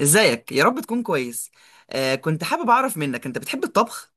ازيك يا رب تكون كويس. كنت حابب اعرف منك، انت بتحب الطبخ؟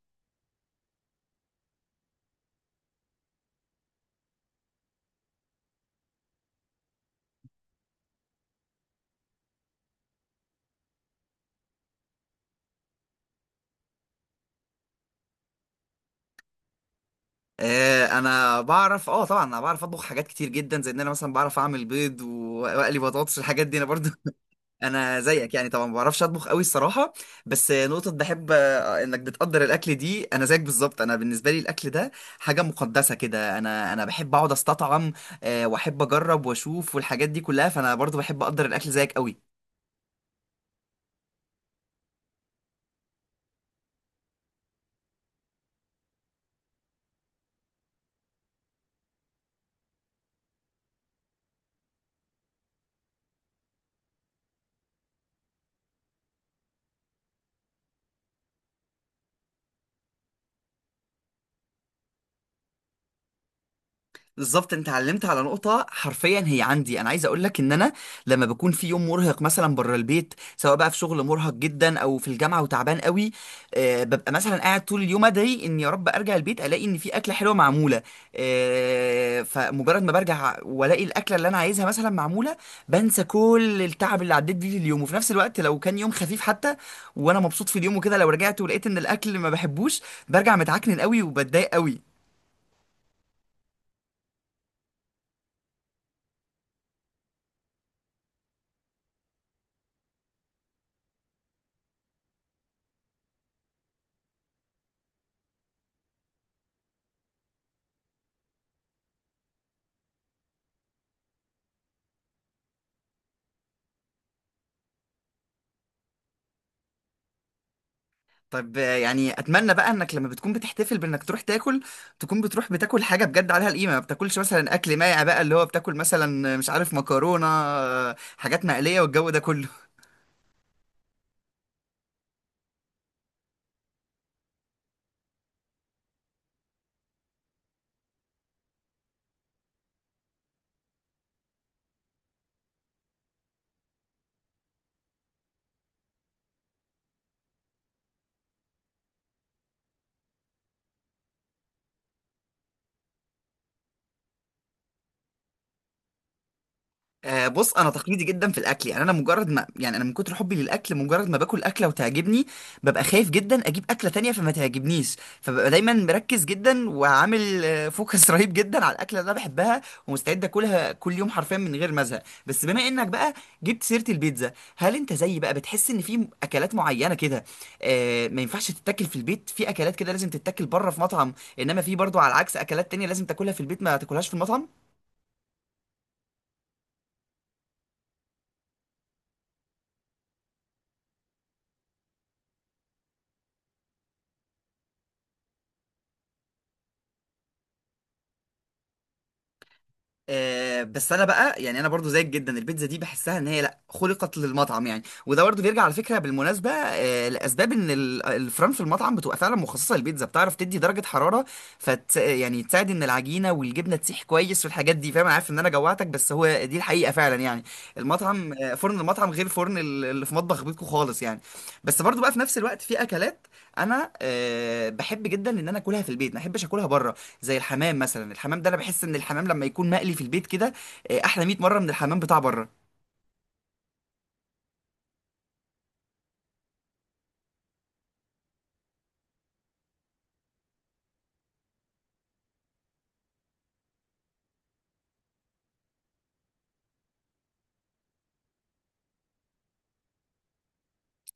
انا بعرف، طبعا انا بعرف اطبخ حاجات كتير جدا، زي ان انا مثلا بعرف اعمل بيض و- واقلي بطاطس، الحاجات دي انا برضو. انا زيك يعني، طبعا ما بعرفش اطبخ قوي الصراحه. بس نقطه بحب انك بتقدر الاكل دي، انا زيك بالظبط. انا بالنسبه لي الاكل ده حاجه مقدسه كده، انا بحب اقعد استطعم. واحب اجرب واشوف والحاجات دي كلها، فانا برضو بحب اقدر الاكل زيك قوي. بالظبط انت علمت على نقطة حرفيا هي عندي، انا عايز اقول لك ان انا لما بكون في يوم مرهق مثلا بره البيت، سواء بقى في شغل مرهق جدا او في الجامعة وتعبان قوي، ببقى مثلا قاعد طول اليوم ادعي ان يا رب ارجع البيت الاقي ان في اكلة حلوة معمولة. فمجرد ما برجع والاقي الاكلة اللي انا عايزها مثلا معمولة، بنسى كل التعب اللي عديت بيه في اليوم. وفي نفس الوقت لو كان يوم خفيف حتى وانا مبسوط في اليوم وكده، لو رجعت ولقيت ان الاكل ما بحبوش، برجع متعكنن قوي وبتضايق قوي. طب يعني اتمنى بقى انك لما بتكون بتحتفل بانك تروح تاكل، تكون بتروح بتاكل حاجه بجد عليها القيمه، ما بتاكلش مثلا اكل مائع بقى، اللي هو بتاكل مثلا مش عارف مكرونه، حاجات مقليه والجو ده كله. بص، انا تقليدي جدا في الاكل يعني. انا مجرد ما، يعني انا من كتر حبي للاكل، مجرد ما باكل اكله وتعجبني ببقى خايف جدا اجيب اكله تانية فما تعجبنيش. فببقى دايما مركز جدا وعامل فوكس رهيب جدا على الاكله اللي انا بحبها، ومستعد اكلها كل يوم حرفيا من غير ما ازهق. بس بما انك بقى جبت سيره البيتزا، هل انت زيي بقى بتحس ان في اكلات معينه كده ما ينفعش تتاكل في البيت، في اكلات كده لازم تتاكل بره في مطعم، انما في برضو على العكس اكلات تانية لازم تاكلها في البيت ما تاكلهاش في المطعم؟ بس انا بقى يعني، انا برضو زيك جدا البيتزا دي بحسها ان هي لا خلقت للمطعم يعني. وده برضو بيرجع على فكره بالمناسبه لاسباب ان الفرن في المطعم بتبقى فعلا مخصصه للبيتزا، بتعرف تدي درجه حراره فت يعني تساعد ان العجينه والجبنه تسيح كويس والحاجات دي، فاهم. أنا عارف ان انا جوعتك، بس هو دي الحقيقه فعلا يعني. المطعم فرن المطعم غير فرن اللي في مطبخ بيتكو خالص يعني. بس برضو بقى في نفس الوقت في اكلات انا بحب جدا ان انا اكلها في البيت ما احبش اكلها بره، زي الحمام مثلا. الحمام ده انا بحس ان الحمام لما يكون مقلي في البيت كده احلى 100 مره من الحمام بتاع بره.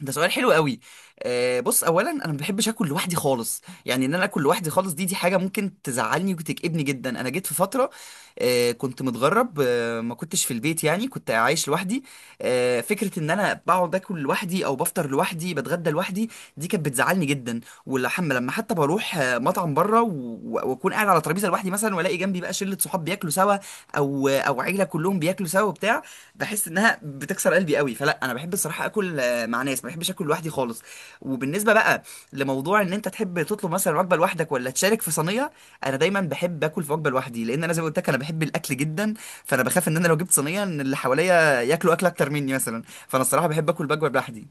ده سؤال حلو قوي. بص، اولا انا ما بحبش اكل لوحدي خالص يعني. ان انا اكل لوحدي خالص دي حاجه ممكن تزعلني وتكئبني جدا. انا جيت في فتره كنت متغرب، ما كنتش في البيت يعني، كنت عايش لوحدي. فكره ان انا بقعد اكل لوحدي، او بفطر لوحدي، بتغدى لوحدي، دي كانت بتزعلني جدا. ولحم لما حتى بروح مطعم بره و- و- واكون قاعد على ترابيزه لوحدي مثلا، والاقي جنبي بقى شله صحاب بياكلوا سوا، او عيله كلهم بياكلوا سوا وبتاع، بحس انها بتكسر قلبي قوي. فلا، انا بحب الصراحه اكل مع ناس، ما بحبش اكل لوحدي خالص. وبالنسبه بقى لموضوع ان انت تحب تطلب مثلا وجبه لوحدك ولا تشارك في صينيه، انا دايما بحب اكل في وجبه لوحدي، لان انا زي ما قلت لك انا بحب الاكل جدا، فانا بخاف ان انا لو جبت صينيه ان اللي حواليا ياكلوا اكل اكتر مني مثلا. فانا الصراحه بحب اكل بوجبه لوحدي.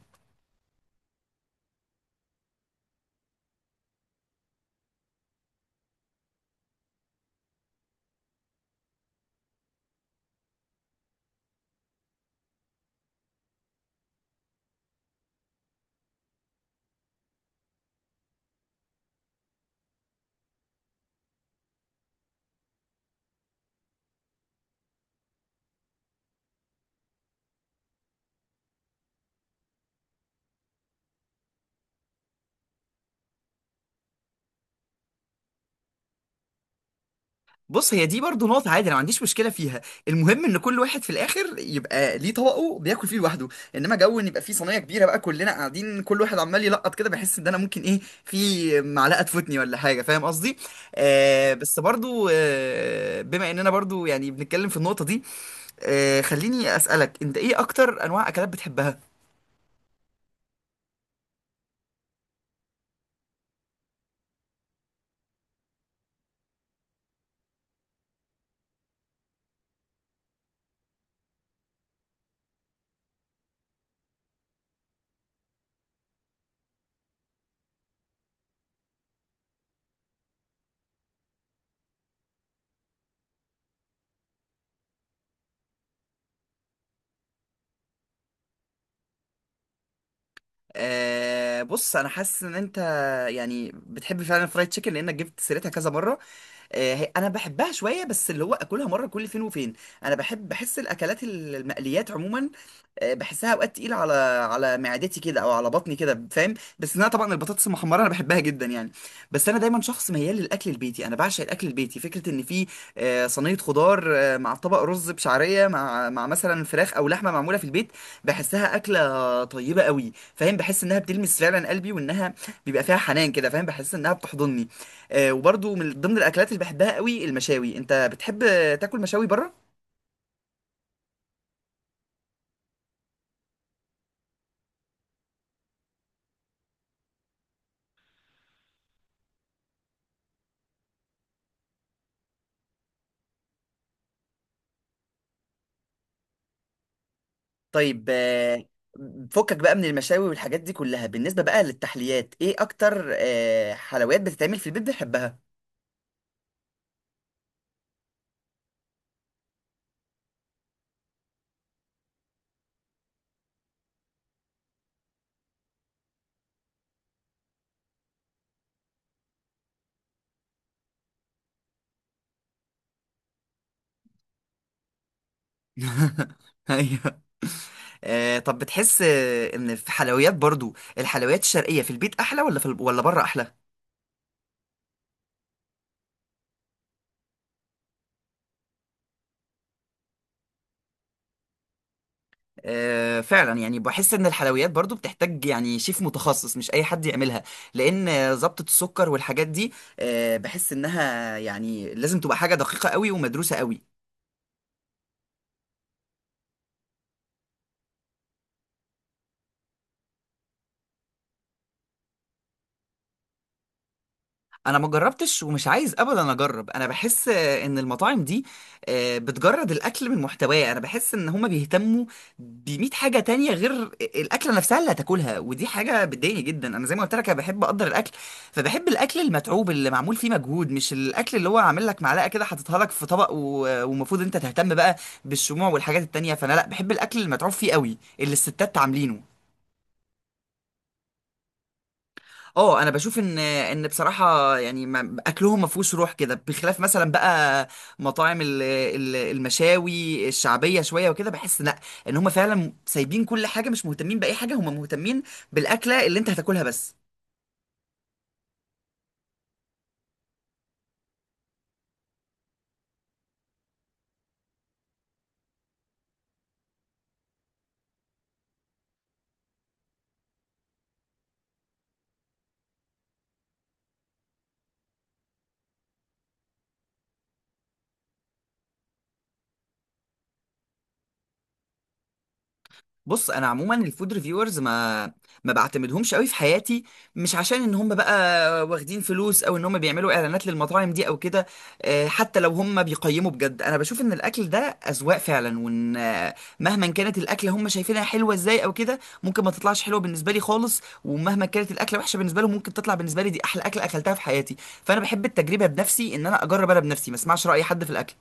بص، هي دي برضو نقطة عادي، أنا ما عنديش مشكلة فيها. المهم إن كل واحد في الآخر يبقى ليه طبقه بياكل فيه لوحده. إنما جو إن يبقى فيه صينية كبيرة بقى كلنا قاعدين كل واحد عمال يلقط كده، بحس إن أنا ممكن إيه، في معلقة تفوتني ولا حاجة، فاهم قصدي. بس برضو، بما إننا برضو يعني بنتكلم في النقطة دي، خليني أسألك أنت، إيه أكتر أنواع أكلات بتحبها؟ بص، أنا حاسس إن أنت يعني بتحب فعلا الفرايد تشيكن لأنك جبت سيرتها كذا مرة. انا بحبها شويه بس، اللي هو اكلها مره كل فين وفين. انا بحب بحس الاكلات المقليات عموما بحسها اوقات تقيله على على معدتي كده او على بطني كده، فاهم. بس انا طبعا البطاطس المحمره انا بحبها جدا يعني. بس انا دايما شخص ميال للاكل البيتي، انا بعشق الاكل البيتي. فكره ان في صينيه خضار مع طبق رز بشعريه مع مثلا فراخ او لحمه معموله في البيت، بحسها اكله طيبه قوي، فاهم. بحس انها بتلمس فعلا قلبي، وانها بيبقى فيها حنان كده، فاهم، بحس انها بتحضني. وبرضو من ضمن الاكلات اللي بحبها قوي المشاوي. انت بتحب تاكل مشاوي بره؟ طيب فكك بقى من المشاوي والحاجات دي كلها، بالنسبه بقى للتحليات، ايه اكتر حلويات بتتعمل في البيت بتحبها؟ ايوه. طب بتحس ان في حلويات، برضو الحلويات الشرقيه في البيت احلى ولا في ولا بره احلى؟ فعلا يعني بحس ان الحلويات برضو بتحتاج يعني شيف متخصص، مش اي حد يعملها، لان ضبطة السكر والحاجات دي بحس انها يعني لازم تبقى حاجة دقيقة قوي ومدروسة قوي. انا ما جربتش ومش عايز ابدا اجرب، انا بحس ان المطاعم دي بتجرد الاكل من محتواه، انا بحس ان هما بيهتموا بمية حاجه تانية غير الاكله نفسها اللي هتاكلها، ودي حاجه بتضايقني جدا. انا زي ما قلت لك انا بحب اقدر الاكل، فبحب الاكل المتعوب اللي معمول فيه مجهود، مش الاكل اللي هو عامل لك معلقه كده حاططها لك في طبق و- ومفروض انت تهتم بقى بالشموع والحاجات التانية. فانا لا، بحب الاكل المتعوب فيه قوي اللي الستات عاملينه. اه، انا بشوف ان بصراحه يعني، ما- اكلهم ما فيهوش روح كده. بخلاف مثلا بقى مطاعم المشاوي الشعبيه شويه وكده، بحس لا، ان هم فعلا سايبين كل حاجه مش مهتمين باي حاجه، هم مهتمين بالاكله اللي انت هتاكلها بس. بص، انا عموما الفود ريفيورز ما بعتمدهمش قوي في حياتي. مش عشان ان هم بقى واخدين فلوس او ان هم بيعملوا اعلانات للمطاعم دي او كده، حتى لو هم بيقيموا بجد، انا بشوف ان الاكل ده اذواق فعلا، وان مهما كانت الاكله هم شايفينها حلوه ازاي او كده ممكن ما تطلعش حلوه بالنسبه لي خالص، ومهما كانت الاكله وحشه بالنسبه لهم ممكن تطلع بالنسبه لي دي احلى اكله اكلتها في حياتي. فانا بحب التجربه بنفسي، ان انا اجرب انا بنفسي، ما اسمعش راي حد في الاكل.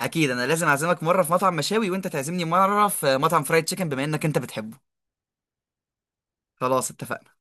اكيد انا لازم اعزمك مره في مطعم مشاوي، وانت تعزمني مره في مطعم فرايد تشيكن بما انك انت بتحبه. خلاص اتفقنا.